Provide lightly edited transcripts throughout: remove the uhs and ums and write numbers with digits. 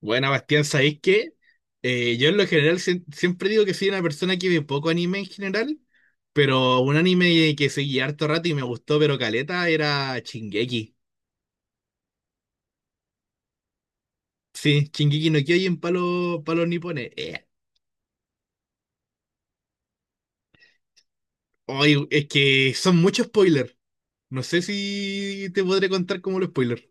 Buena, Bastián, ¿sabéis qué? Yo en lo general siempre digo que soy una persona que ve poco anime en general, pero un anime que seguí harto rato y me gustó, pero caleta, era Shingeki. Sí, Shingeki no Kyojin para los, pa' los nipones. Es que son muchos spoilers. No sé si te podré contar como los spoilers.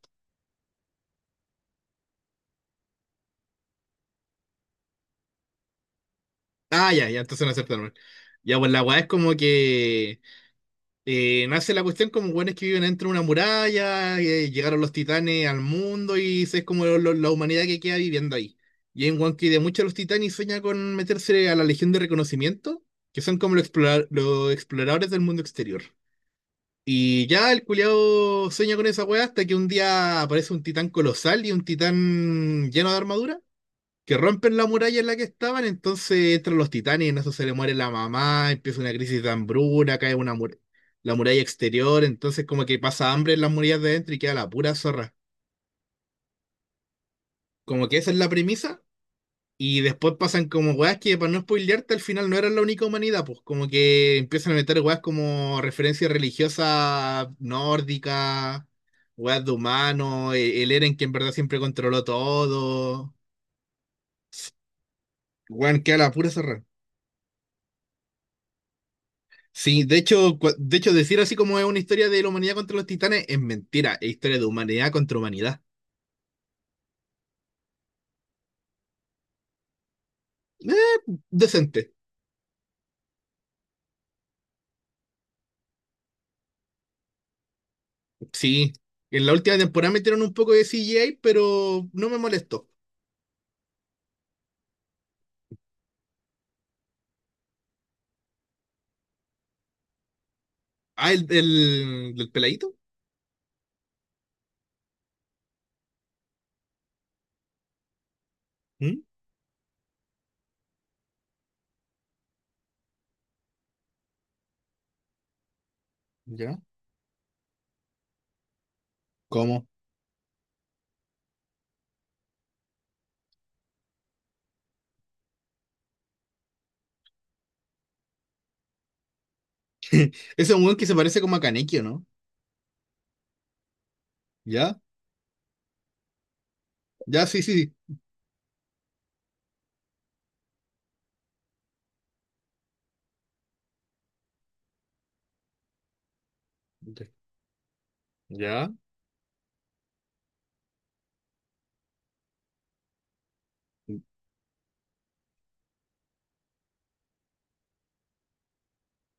Ah, ya, ya, entonces no aceptaron. Ya, pues la weá es como que nace la cuestión como buenos que viven dentro de una muralla, llegaron los titanes al mundo y es como la humanidad que queda viviendo ahí. Y en One que de muchos de los titanes sueña con meterse a la Legión de Reconocimiento, que son como los, los exploradores del mundo exterior. Y ya el culiao sueña con esa weá hasta que un día aparece un titán colosal y un titán lleno de armadura que rompen la muralla en la que estaban, entonces entran los titanes y en eso se le muere la mamá, empieza una crisis de hambruna, cae una la muralla exterior, entonces como que pasa hambre en las murallas de dentro y queda la pura zorra. Como que esa es la premisa, y después pasan como weas que para no spoilearte al final no eran la única humanidad, pues como que empiezan a meter weas como referencias religiosas nórdicas, weas de humanos, el Eren que en verdad siempre controló todo. Weón, queda la pura zorra. Sí, de hecho, decir así como es una historia de la humanidad contra los titanes es mentira, es historia de humanidad contra humanidad. Eh, decente, sí. En la última temporada metieron un poco de CGI, pero no me molestó. Ah, el del peladito. ¿Mm? ¿Ya? ¿Cómo? Ese es un weón que se parece como a Kaneki, ¿o no? ¿Ya? ¿Ya? Sí, sí, sí. ¿Ya? ¿Ya?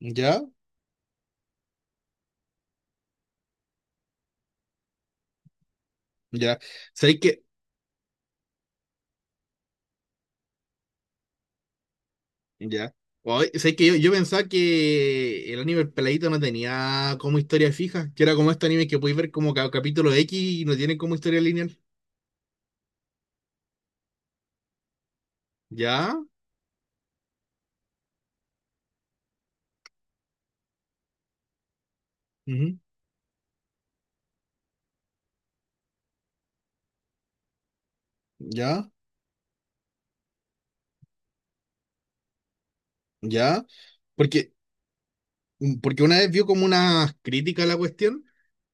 ¿Ya? ¿Ya? ¿Sabéis que ya? Oye, sé que yo pensaba que el anime El Peladito no tenía como historia fija, que era como este anime que podéis ver como capítulo X y no tiene como historia lineal. Ya, ujú, ya, ya. Porque, porque una vez vio como una crítica a la cuestión.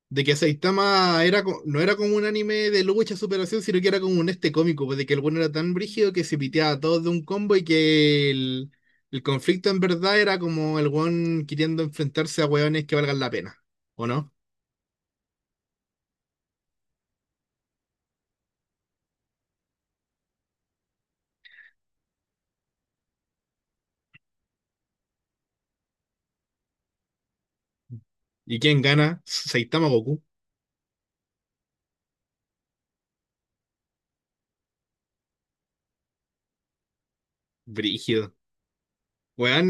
De que Saitama era, no era como un anime de lucha superación, sino que era como un este cómico, pues de que el bueno era tan brígido que se piteaba a todos de un combo y que el conflicto en verdad era como el one queriendo enfrentarse a hueones que valgan la pena, ¿o no? ¿Y quién gana? ¿Saitama o Goku? Brígido. Weón,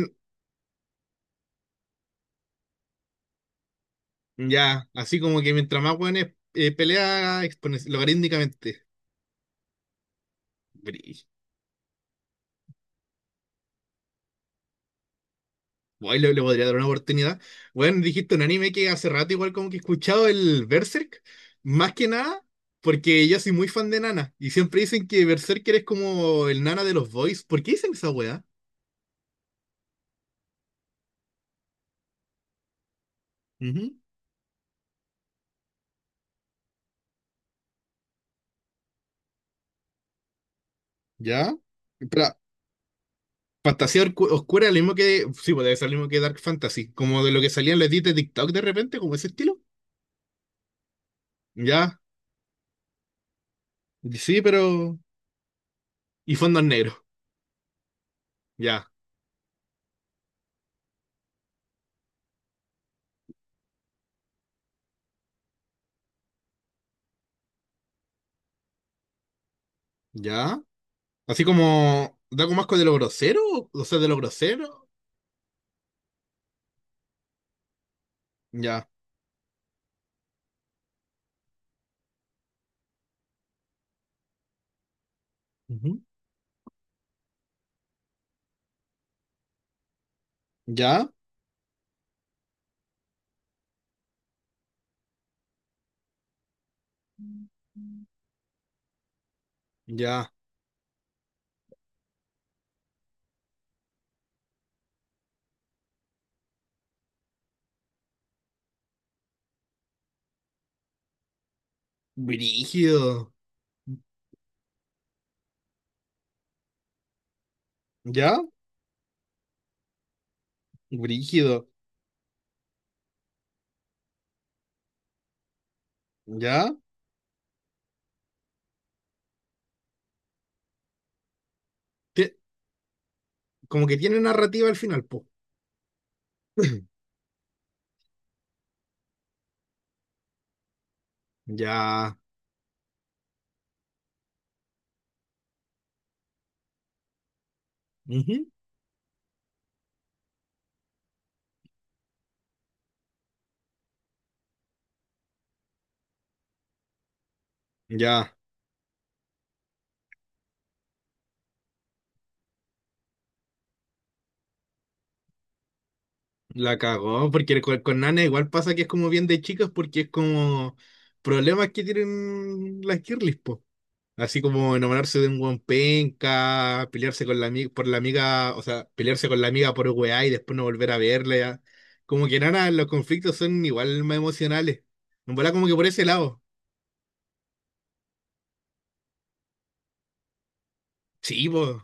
ya, así como que mientras más hueones pelea logarítmicamente. Guay, le podría dar una oportunidad. Bueno, dijiste un anime que hace rato igual como que he escuchado el Berserk, más que nada porque yo soy muy fan de Nana y siempre dicen que Berserker es como el Nana de los boys. ¿Por qué dicen esa weá? Ujú. ¿Ya? Espera, oscura, lo mismo que... Sí, pues debe ser lo mismo que Dark Fantasy, como de lo que salían los edits de TikTok de repente, como ese estilo. Ya, sí, pero... Y fondos negros, ya, ya. Así como... Da como asco de lo grosero, o sea, de lo grosero, ya. ¿Ya? Ya. Brígido. ¿Ya? Brígido. ¿Ya? Te- como que tiene narrativa al final, po. Ya. Ujú. Ya. La cagó. Porque con Nana igual pasa que es como bien de chicas porque es como problemas que tienen las girlies, po. Así como enamorarse de un buen penca, pelearse con la amiga, por la amiga, o sea, pelearse con la amiga por weá y después no volver a verla. Ya. Como que Nana, los conflictos son igual más emocionales. En verdad, como que por ese lado. Sí, po.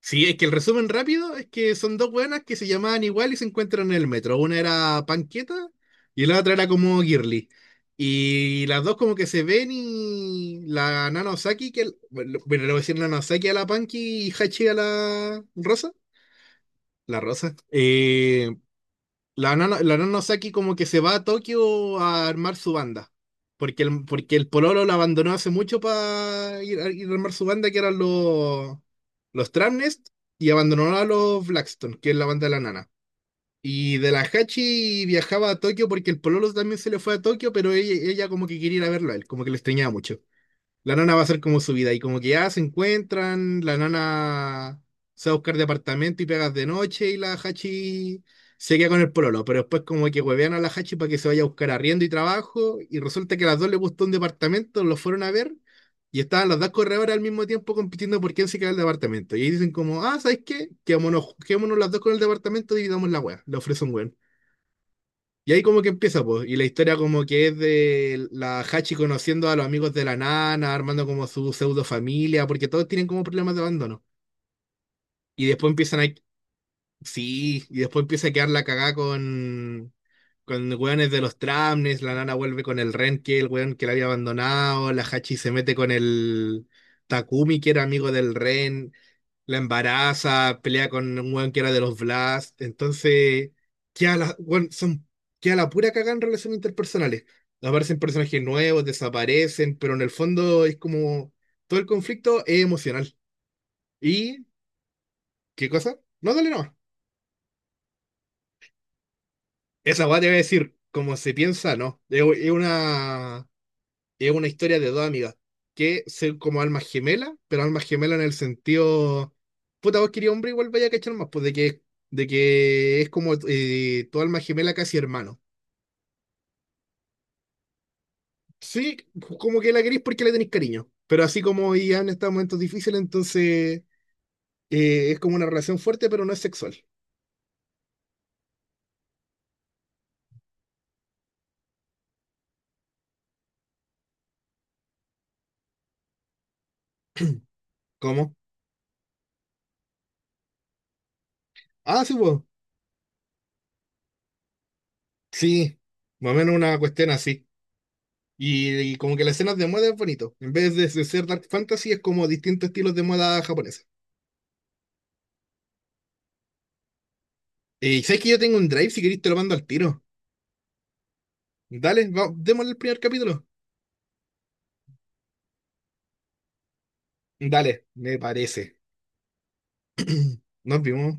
Sí, es que el resumen rápido es que son dos buenas que se llamaban igual y se encuentran en el metro. Una era Panqueta y la otra era como Girly. Y las dos como que se ven y la Nana Osaki, que bueno, bueno, le voy a decir Nana Osaki a la Panky y Hachi a la Rosa. La Rosa. La nana Osaki como que se va a Tokio a armar su banda. Porque porque el Pololo la abandonó hace mucho para ir, a ir a armar su banda, que eran los Tramnest, y abandonó a los Blackstone, que es la banda de la nana. Y de la Hachi viajaba a Tokio porque el Pololo también se le fue a Tokio, pero ella como que quería ir a verlo a él, como que le extrañaba mucho. La nana va a ser como su vida. Y como que ya se encuentran, la nana se va a buscar departamento y pegas de noche y la Hachi se queda con el pololo. Pero después como que huevean a la Hachi para que se vaya a buscar arriendo y trabajo. Y resulta que a las dos les gustó un departamento, los fueron a ver y estaban las dos corredoras al mismo tiempo compitiendo por quién se queda el departamento. Y ahí dicen como, ah, ¿sabes qué? Quémonos, quedémonos las dos con el departamento, y dividamos la wea. Le ofrece un wea y ahí como que empieza, pues, y la historia como que es de la Hachi conociendo a los amigos de la nana, armando como su pseudo familia, porque todos tienen como problemas de abandono. Y después empiezan a... Sí, y después empieza a quedar la cagá con weones de los tramnes, la nana vuelve con el Ren, que es el weón que la había abandonado, la Hachi se mete con el Takumi, que era amigo del Ren, la embaraza, pelea con un weón que era de los Blast, entonces queda queda la pura cagada en relaciones interpersonales. Aparecen personajes nuevos, desaparecen, pero en el fondo es como todo el conflicto es emocional. ¿Y qué cosa? No, dale no. Esa weá te voy a decir, como se piensa, no. Es una es una historia de dos amigas que son como almas gemelas, pero almas gemelas en el sentido, puta, vos querías hombre, igual vaya a cachar más, pues de de que es como tu alma gemela casi hermano. Sí, como que la querís porque le tenéis cariño, pero así como ya han estado en momentos difíciles, entonces es como una relación fuerte, pero no es sexual. ¿Cómo? Ah, sí, pues. Sí, más o menos una cuestión así. Y como que las escenas de moda es bonito. En vez de ser dark fantasy, es como distintos estilos de moda japonesa. Y sabes que yo tengo un drive, si queréis te lo mando al tiro. Dale, démosle el primer capítulo. Dale, me parece. Nos vimos.